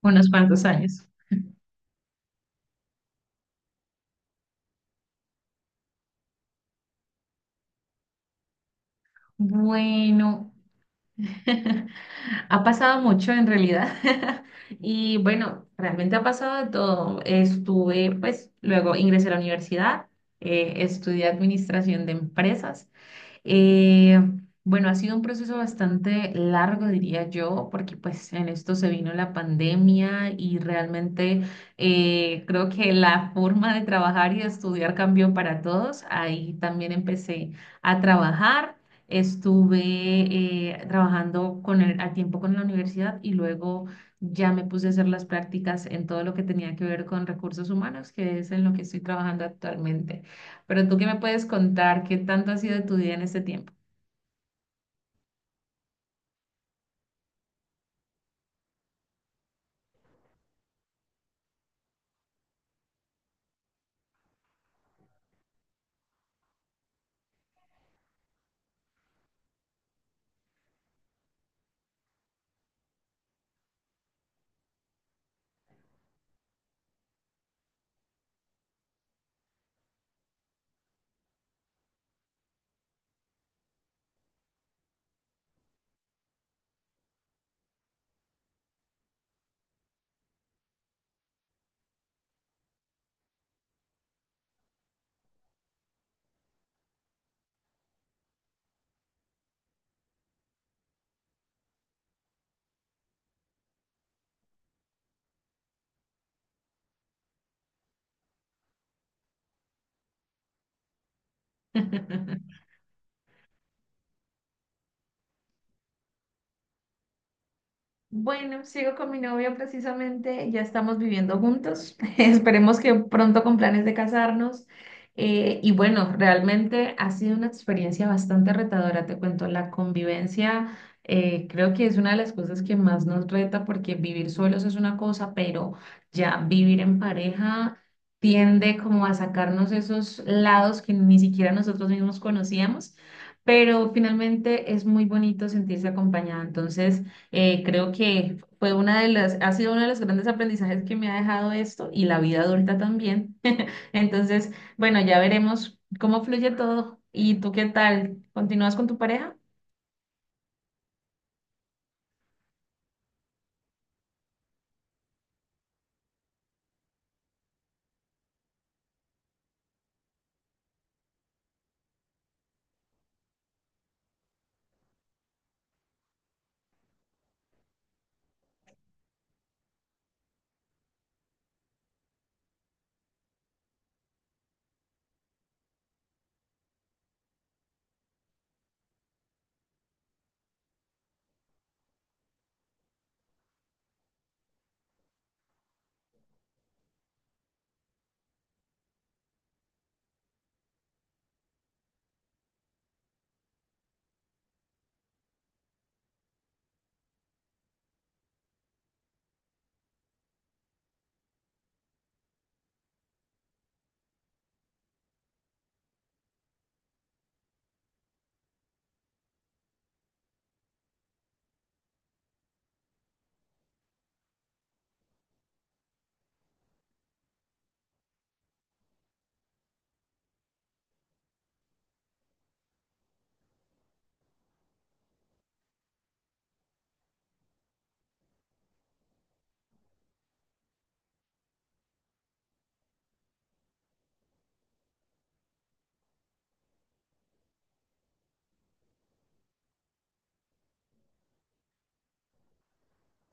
Unos cuantos años. Bueno, ha pasado mucho en realidad. Y bueno, realmente ha pasado de todo. Estuve, pues, luego ingresé a la universidad, estudié administración de empresas. Eh, bueno, ha sido un proceso bastante largo, diría yo, porque pues en esto se vino la pandemia y realmente creo que la forma de trabajar y de estudiar cambió para todos. Ahí también empecé a trabajar. Estuve trabajando con el, a tiempo con la universidad, y luego ya me puse a hacer las prácticas en todo lo que tenía que ver con recursos humanos, que es en lo que estoy trabajando actualmente. Pero tú qué me puedes contar, qué tanto ha sido tu día en este tiempo. Bueno, sigo con mi novio precisamente, ya estamos viviendo juntos, esperemos que pronto con planes de casarnos. Y bueno, realmente ha sido una experiencia bastante retadora, te cuento, la convivencia creo que es una de las cosas que más nos reta porque vivir solos es una cosa, pero ya vivir en pareja tiende como a sacarnos esos lados que ni siquiera nosotros mismos conocíamos, pero finalmente es muy bonito sentirse acompañada. Entonces creo que fue una de ha sido uno de los grandes aprendizajes que me ha dejado esto, y la vida adulta también. Entonces, bueno, ya veremos cómo fluye todo. ¿Y tú qué tal? ¿Continúas con tu pareja?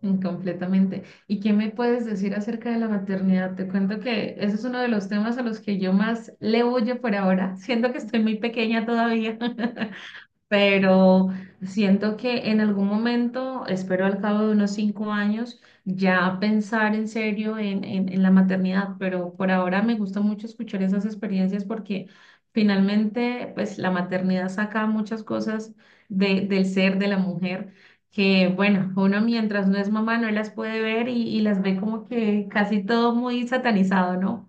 Mm, completamente. ¿Y qué me puedes decir acerca de la maternidad? Te cuento que ese es uno de los temas a los que yo más le huyo por ahora. Siento que estoy muy pequeña todavía. Pero siento que en algún momento, espero al cabo de unos 5 años, ya pensar en serio en la maternidad, pero por ahora me gusta mucho escuchar esas experiencias porque finalmente, pues la maternidad saca muchas cosas de, del ser de la mujer. Que bueno, uno mientras no es mamá no las puede ver, y las ve como que casi todo muy satanizado, ¿no?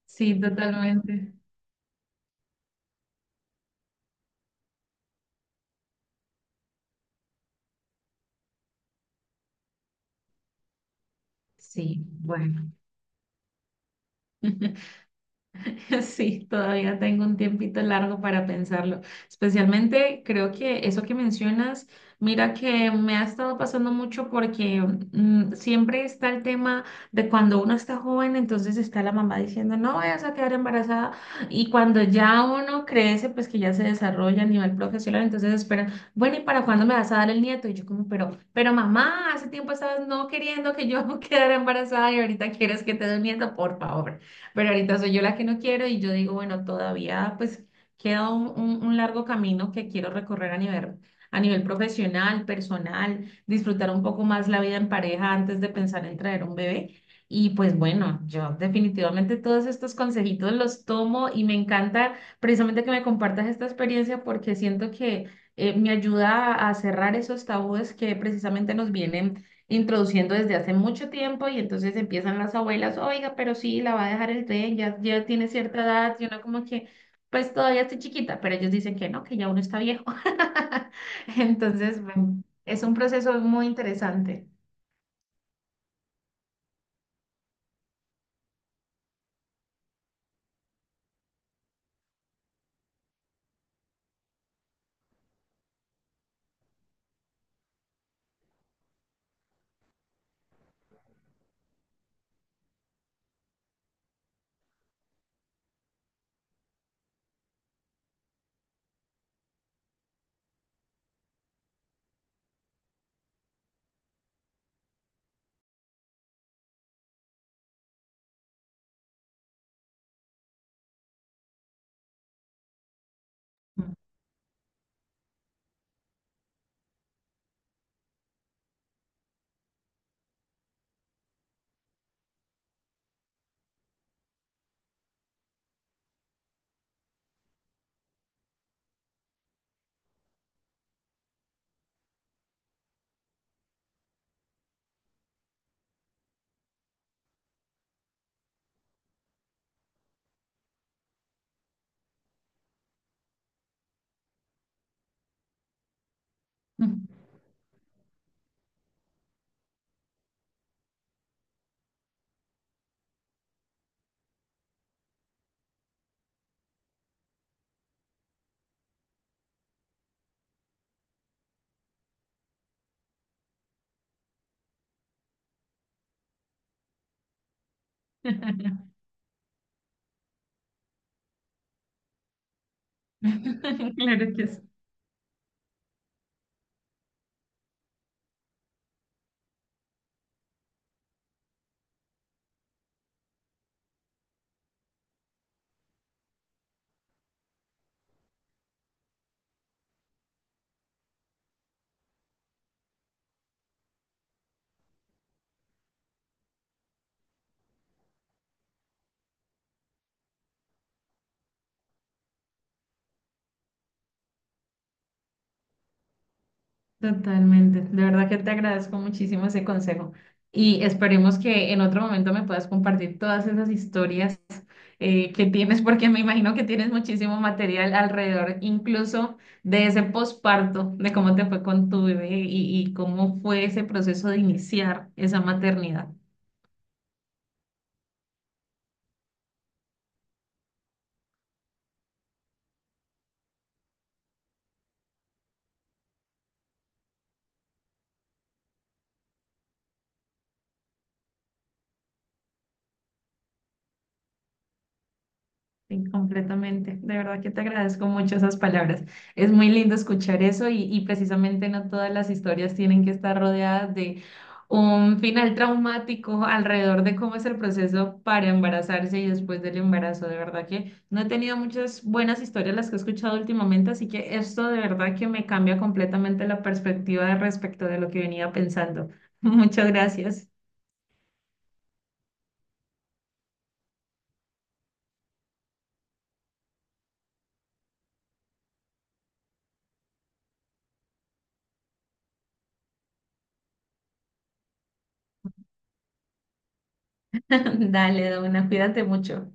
Sí, totalmente. Sí, bueno. Sí, todavía tengo un tiempito largo para pensarlo. Especialmente creo que eso que mencionas, mira que me ha estado pasando mucho porque siempre está el tema de cuando uno está joven, entonces está la mamá diciendo, no vayas a quedar embarazada. Y cuando ya uno crece, pues que ya se desarrolla a nivel profesional, entonces esperan, bueno, ¿y para cuándo me vas a dar el nieto? Y yo como, pero mamá, hace tiempo estabas no queriendo que yo quedara embarazada, y ahorita quieres que te dé un nieto, por favor. Pero ahorita soy yo la que no quiero, y yo digo, bueno, todavía pues queda un largo camino que quiero recorrer a nivel profesional, personal, disfrutar un poco más la vida en pareja antes de pensar en traer un bebé. Y pues bueno, yo definitivamente todos estos consejitos los tomo, y me encanta precisamente que me compartas esta experiencia porque siento que me ayuda a cerrar esos tabúes que precisamente nos vienen introduciendo desde hace mucho tiempo, y entonces empiezan las abuelas, oiga, pero sí, la va a dejar el tren, ya tiene cierta edad, y uno como que, pues todavía está chiquita, pero ellos dicen que no, que ya uno está viejo. Entonces, bueno, es un proceso muy interesante. Claro que sí. Totalmente. De verdad que te agradezco muchísimo ese consejo, y esperemos que en otro momento me puedas compartir todas esas historias que tienes, porque me imagino que tienes muchísimo material alrededor, incluso de ese posparto, de cómo te fue con tu bebé y cómo fue ese proceso de iniciar esa maternidad. Sí, completamente. De verdad que te agradezco mucho esas palabras. Es muy lindo escuchar eso, y precisamente no todas las historias tienen que estar rodeadas de un final traumático alrededor de cómo es el proceso para embarazarse y después del embarazo. De verdad que no he tenido muchas buenas historias las que he escuchado últimamente, así que esto de verdad que me cambia completamente la perspectiva respecto de lo que venía pensando. Muchas gracias. Dale, Dona, cuídate mucho.